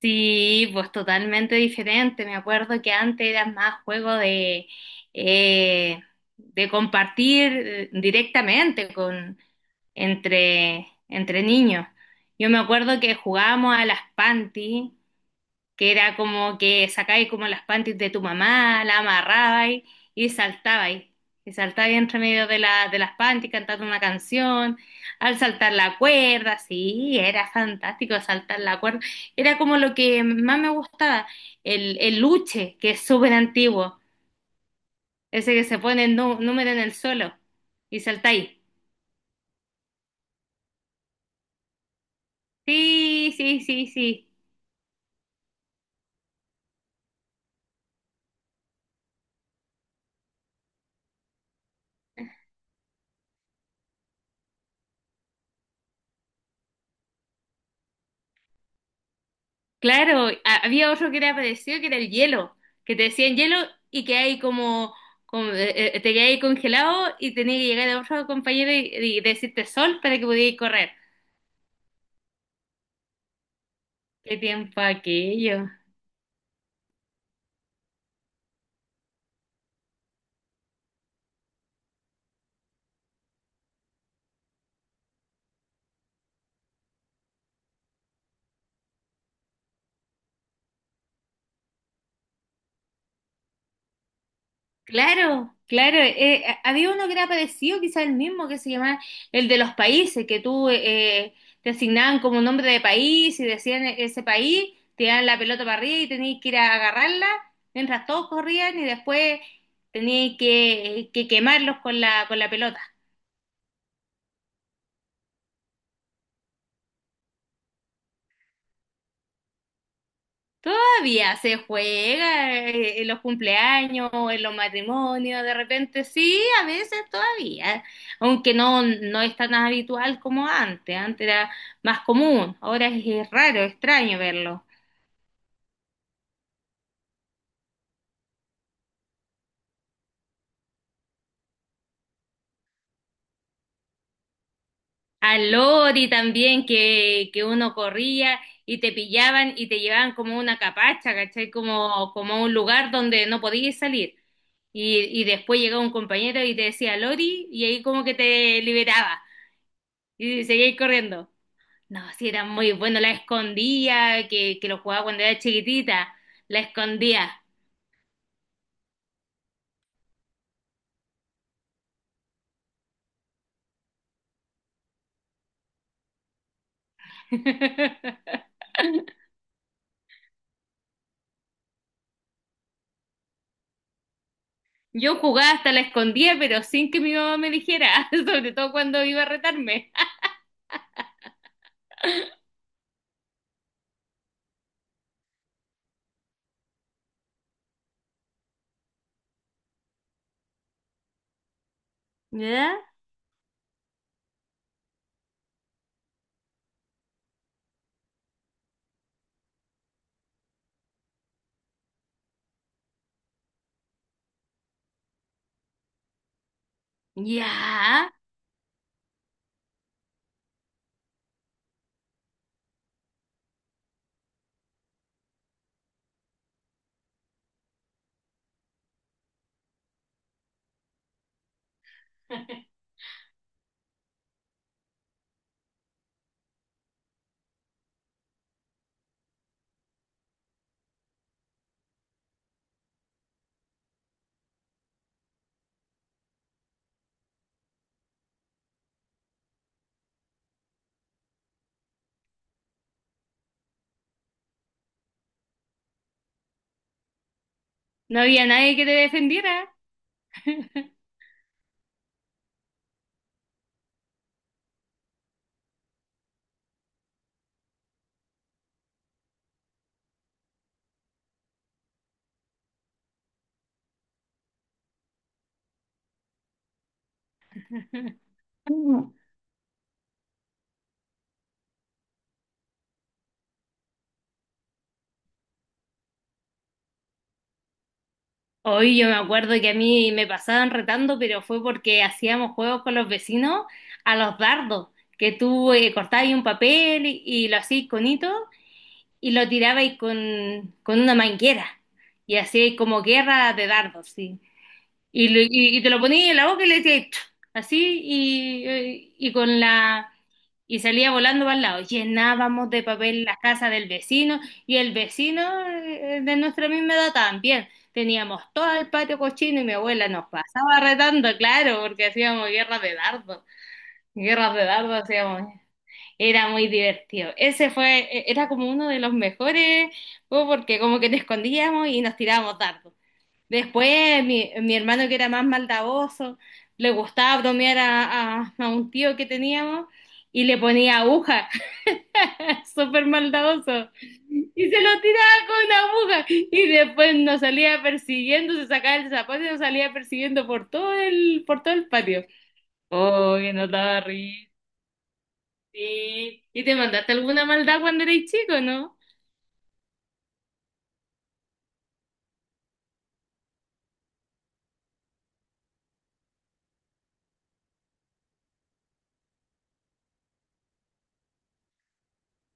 Sí, pues totalmente diferente. Me acuerdo que antes era más juego eh, de compartir directamente entre niños. Yo me acuerdo que jugábamos a las panties, que era como que sacabais como las panties de tu mamá, la amarrabais y saltabais. Y saltabais entre medio de las panties cantando una canción, al saltar la cuerda, sí, era fantástico saltar la cuerda. Era como lo que más me gustaba, el luche, que es súper antiguo, ese que se pone el número en el suelo y saltáis. Sí, sí, sí, sí. Claro, había otro que era parecido, que era el hielo, que te decían hielo y que hay te quedabas ahí congelado y tenías que llegar a otro compañero y decirte sol para que pudieras correr. Qué tiempo aquello. Claro, claro. Había uno que era parecido, quizá el mismo, que se llamaba el de los países, que tú te asignaban como un nombre de país y decían ese país, te daban la pelota para arriba y tenías que ir a agarrarla mientras todos corrían y después tenías que quemarlos con la pelota. Todavía se juega en los cumpleaños, en los matrimonios, de repente sí, a veces todavía, aunque no es tan habitual como antes, antes era más común, ahora es raro, extraño verlo. Al lori también que uno corría y te pillaban y te llevaban como una capacha, ¿cachai? Como, como a un lugar donde no podías salir. Y después llegaba un compañero y te decía Lori y ahí como que te liberaba y seguías corriendo. No, sí, era muy bueno. La escondía, que lo jugaba cuando era chiquitita. La escondía. Yo jugaba hasta la escondía, pero sin que mi mamá me dijera, sobre todo cuando iba a retarme. ¿Ya? Ya. No había nadie que te defendiera. Mm. Hoy yo me acuerdo que a mí me pasaban retando, pero fue porque hacíamos juegos con los vecinos a los dardos, que tú cortabas ahí un papel y lo hacías con hito y lo tirabais con una manguera y hacíais como guerra de dardos, sí. Y te lo ponías en la boca y le decías "Chu", así y con la y salía volando para el lado. Llenábamos de papel la casa del vecino y el vecino de nuestra misma edad también. Teníamos todo el patio cochino y mi abuela nos pasaba retando, claro, porque hacíamos guerras de dardos. Guerras de dardos hacíamos. Era muy divertido. Era como uno de los mejores juegos porque como que nos escondíamos y nos tirábamos dardos. Después mi hermano, que era más maldadoso, le gustaba bromear a un tío que teníamos y le ponía aguja, súper maldadoso. Y se lo tiraba con una aguja y después nos salía persiguiendo, se sacaba el zapato y nos salía persiguiendo por todo el patio. Oh, que nos daba risa. Sí. ¿Y te mandaste alguna maldad cuando erais chico, no?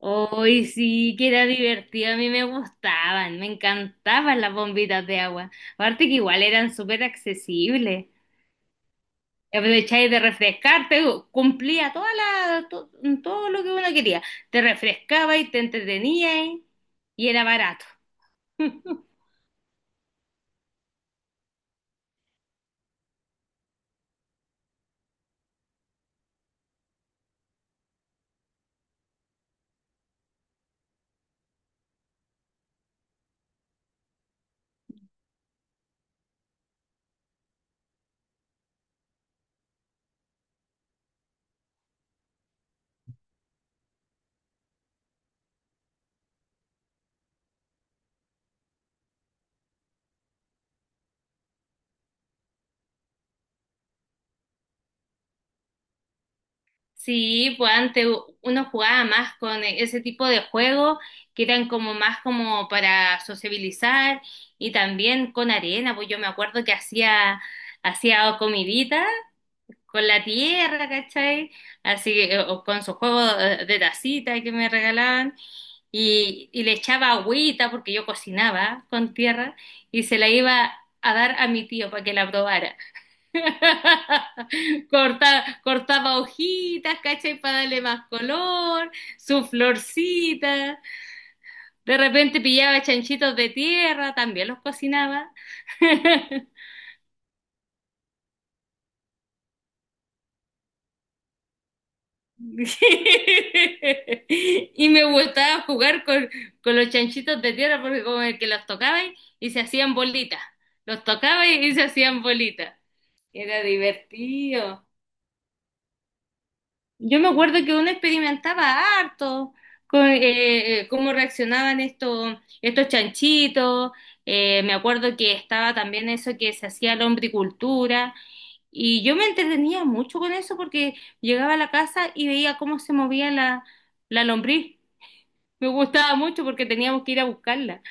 Hoy sí, que era divertido, a mí me gustaban, me encantaban las bombitas de agua. Aparte que igual eran súper accesibles. Aprovecháis de refrescarte, cumplía todo lo que uno quería. Te refrescaba y te entretenías y era barato. Sí, pues antes uno jugaba más con ese tipo de juegos, que eran como más como para sociabilizar, y también con arena, pues yo me acuerdo que hacía comidita con la tierra, ¿cachai? Así que, o con su juego de tacita que me regalaban, y le echaba agüita porque yo cocinaba con tierra y se la iba a dar a mi tío para que la probara. Cortaba hojitas, ¿cachai? Para darle más color, su florcita. De repente pillaba chanchitos de tierra, también los cocinaba. Y me gustaba jugar con los chanchitos de tierra, porque como el que los tocaba y se hacían bolitas. Los tocaba y se hacían bolitas. Era divertido. Yo me acuerdo que uno experimentaba harto con cómo reaccionaban estos chanchitos. Me acuerdo que estaba también eso que se hacía la hombricultura. Y yo me entretenía mucho con eso porque llegaba a la casa y veía cómo se movía la lombriz. Me gustaba mucho porque teníamos que ir a buscarla.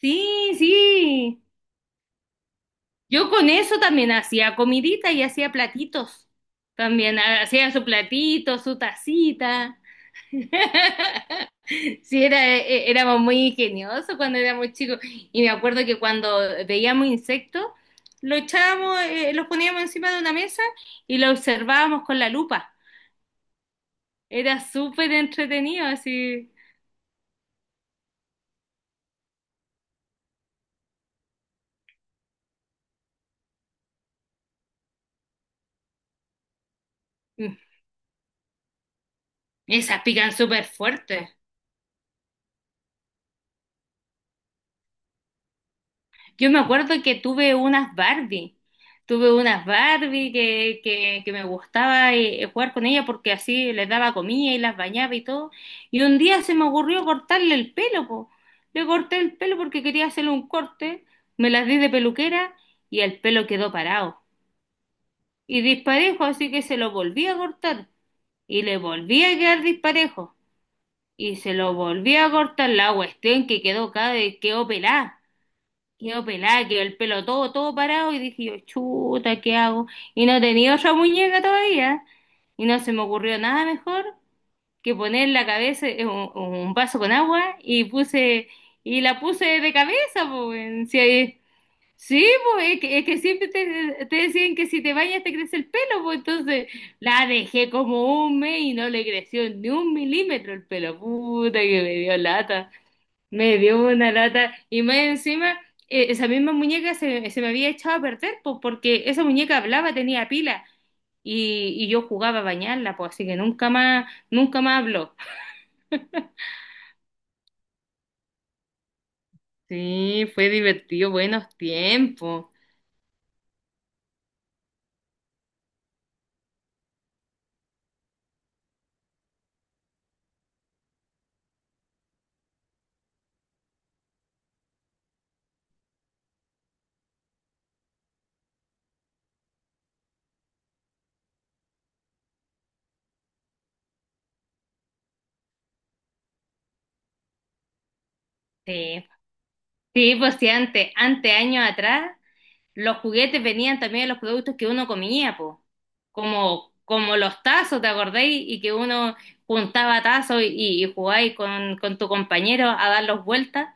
Sí, sí. Yo con eso también hacía comidita y hacía platitos. También hacía su platito, su tacita. Sí, era, éramos muy ingeniosos cuando éramos chicos. Y me acuerdo que cuando veíamos insectos, los echábamos, los poníamos encima de una mesa y los observábamos con la lupa. Era súper entretenido, así. Mm. Esas pican súper fuerte. Yo me acuerdo que tuve unas Barbie que me gustaba jugar con ellas, porque así les daba comida y las bañaba y todo. Y un día se me ocurrió cortarle el pelo, po. Le corté el pelo porque quería hacerle un corte, me las di de peluquera y el pelo quedó parado. Y disparejo, así que se lo volví a cortar y le volví a quedar disparejo. Y se lo volví a cortar la cuestión, que quedó cada quedó pelada. Quedó pelada, quedó el pelo todo, todo parado, y dije yo, chuta, ¿qué hago? Y no tenía otra muñeca todavía. Y no se me ocurrió nada mejor que poner la cabeza en un vaso con agua y la puse de cabeza, pues. Sí, sí, pues, es que siempre te decían que si te bañas te crece el pelo, pues entonces la dejé como un mes y no le creció ni un milímetro el pelo. Puta que me dio lata. Me dio una lata y más encima esa misma muñeca se me había echado a perder, pues, porque esa muñeca hablaba, tenía pila, y yo jugaba a bañarla, pues, así que nunca más, nunca más habló. Sí, fue divertido, buenos tiempos. Sí, sí, pues sí, antes, antes, años atrás, los juguetes venían también de los productos que uno comía, pues, como, como los tazos, ¿te acordáis? Y que uno juntaba tazos y jugaba ahí con tu compañero a darlos vueltas.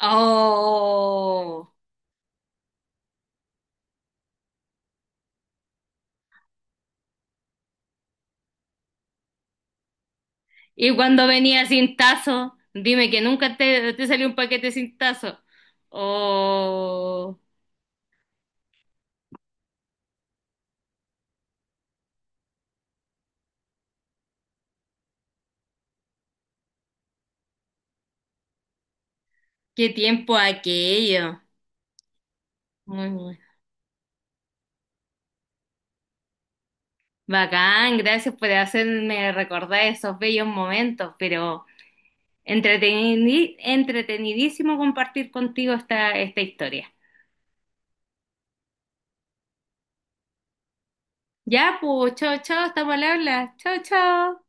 Oh, y cuando venía sin tazo, dime que nunca te salió un paquete sin tazo. Oh, qué tiempo aquello. Muy bueno. Bacán, gracias por hacerme recordar esos bellos momentos, pero entretenidísimo compartir contigo esta historia. Ya, pues, chao, chao, estamos al habla. Chao, chao.